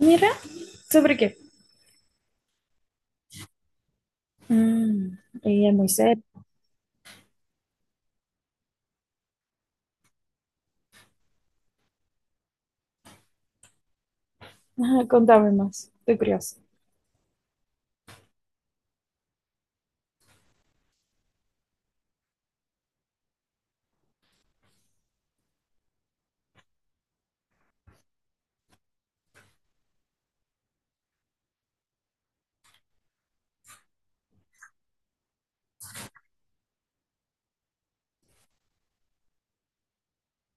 Mira, ¿sobre qué? Mm, ella es muy seria. Ajá, contame más, estoy curiosa.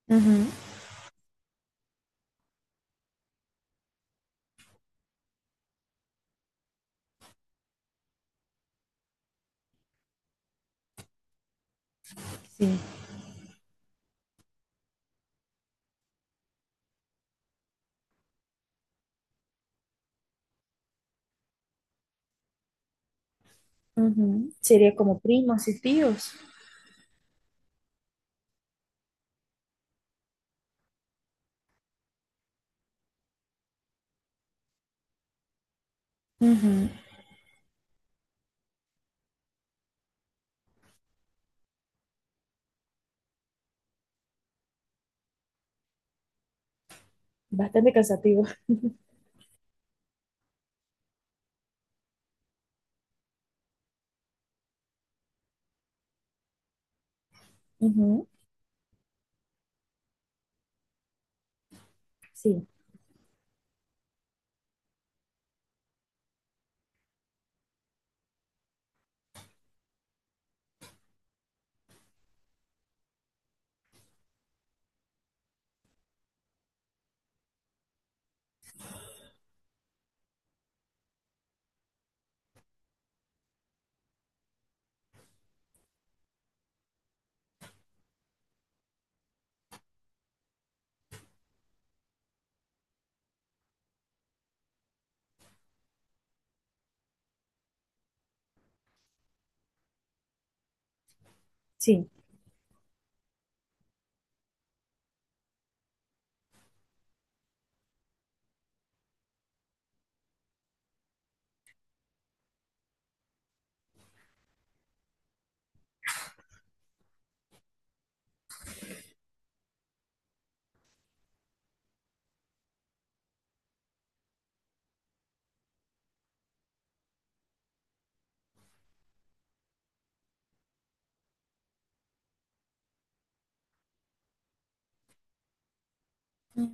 Ujú. Sí. Ujú. Sería como primos y tíos. Ujú. Bastante cansativo. Ujú. Sí, sí, ujú.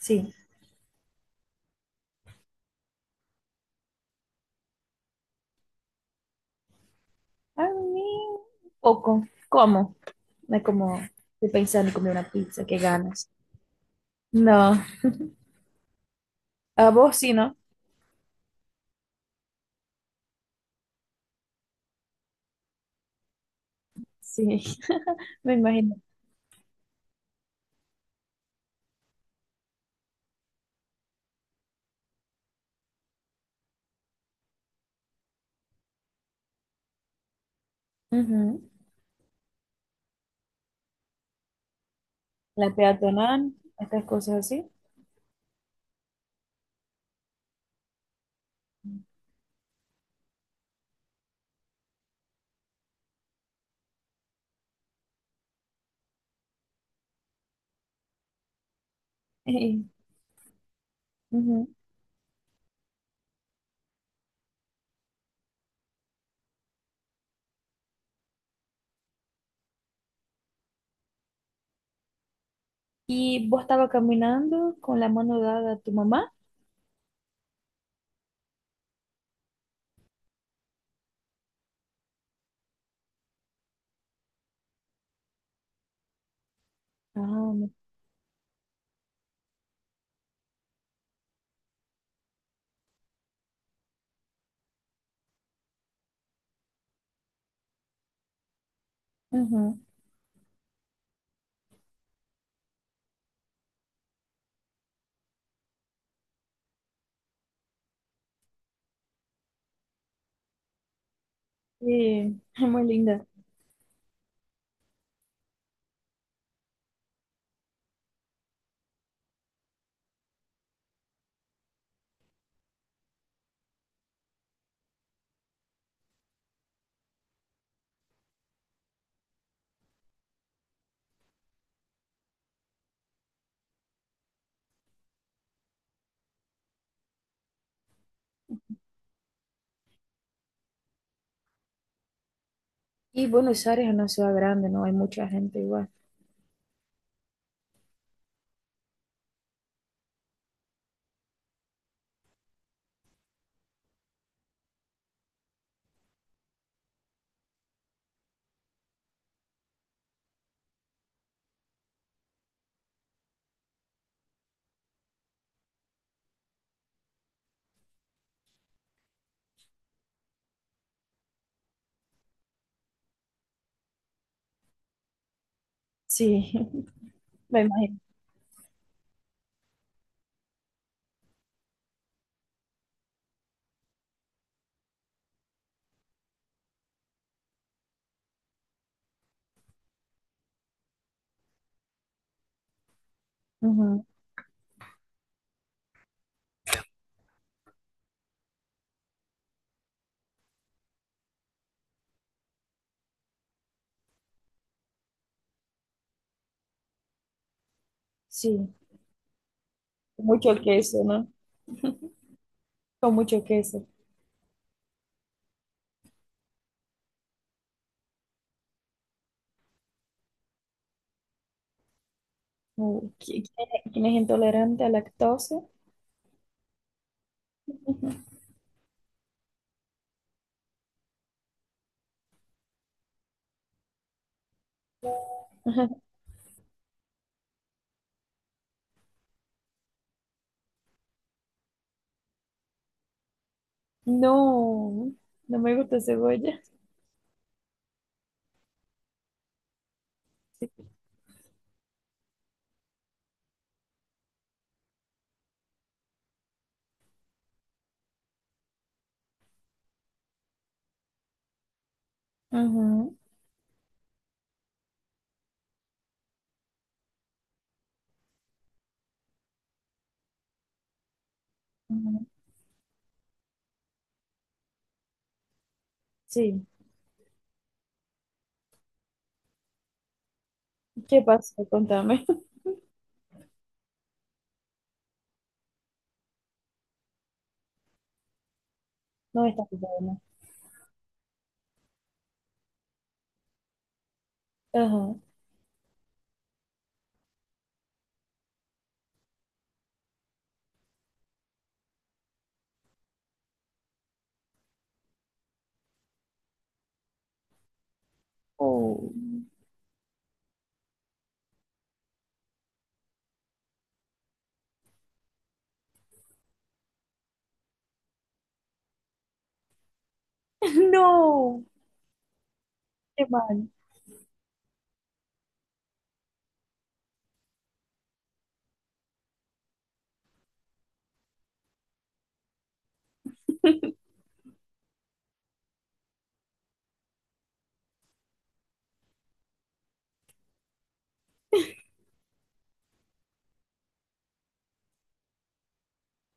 Sí. A mí, un poco. ¿Cómo? No es como estoy pensando en comer una pizza, qué ganas. No, a vos sí, ¿no? Sí, me imagino. Ujú. La peatonal, estas cosas así. Ujú. Y vos estaba caminando con la mano dada a tu mamá. Ah, ajá. Sí, es muy linda. Y Buenos Aires es una ciudad grande, ¿no? Hay mucha gente igual. Sí, me imagino. Ujú. Sí. ¿Con mucho queso, ¿no? Con mucho queso. Quién es intolerante a lactosa? No, no me gusta cebolla. Sí. Ujú. Ujú. Sí. ¿Qué pasa? Contame. No está bien. ¿No? Ajá. Oh, no. Qué mal.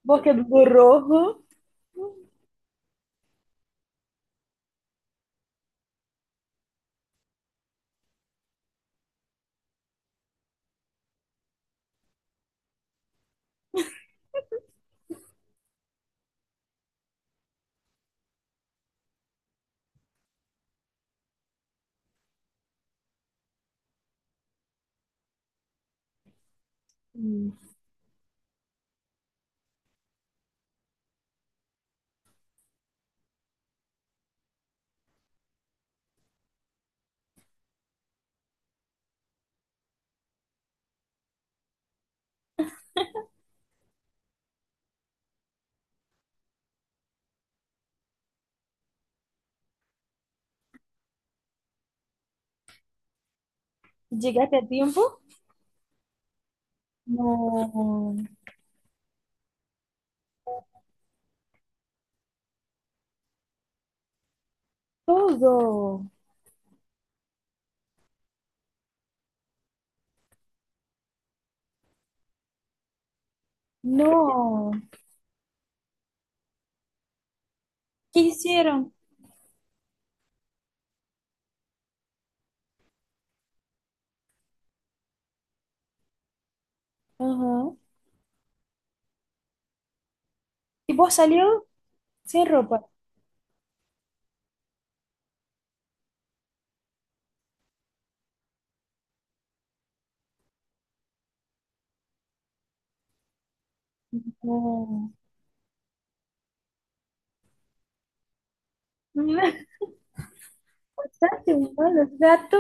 Porque do rojo. Hum, ¿llegaste a tiempo? No, todo. No. ¿Qué hicieron? Ajá. Y vos salió sin ropa. No. Bastante malo, gato.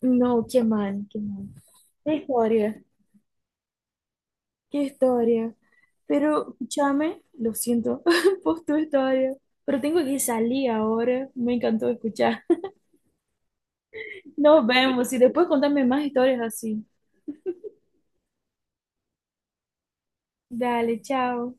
No, qué mal, qué mal. Qué historia, qué historia. Pero escúchame, lo siento por tu historia, pero tengo que salir ahora. Me encantó escuchar. Nos vemos y después contame más historias así. Dale, chao.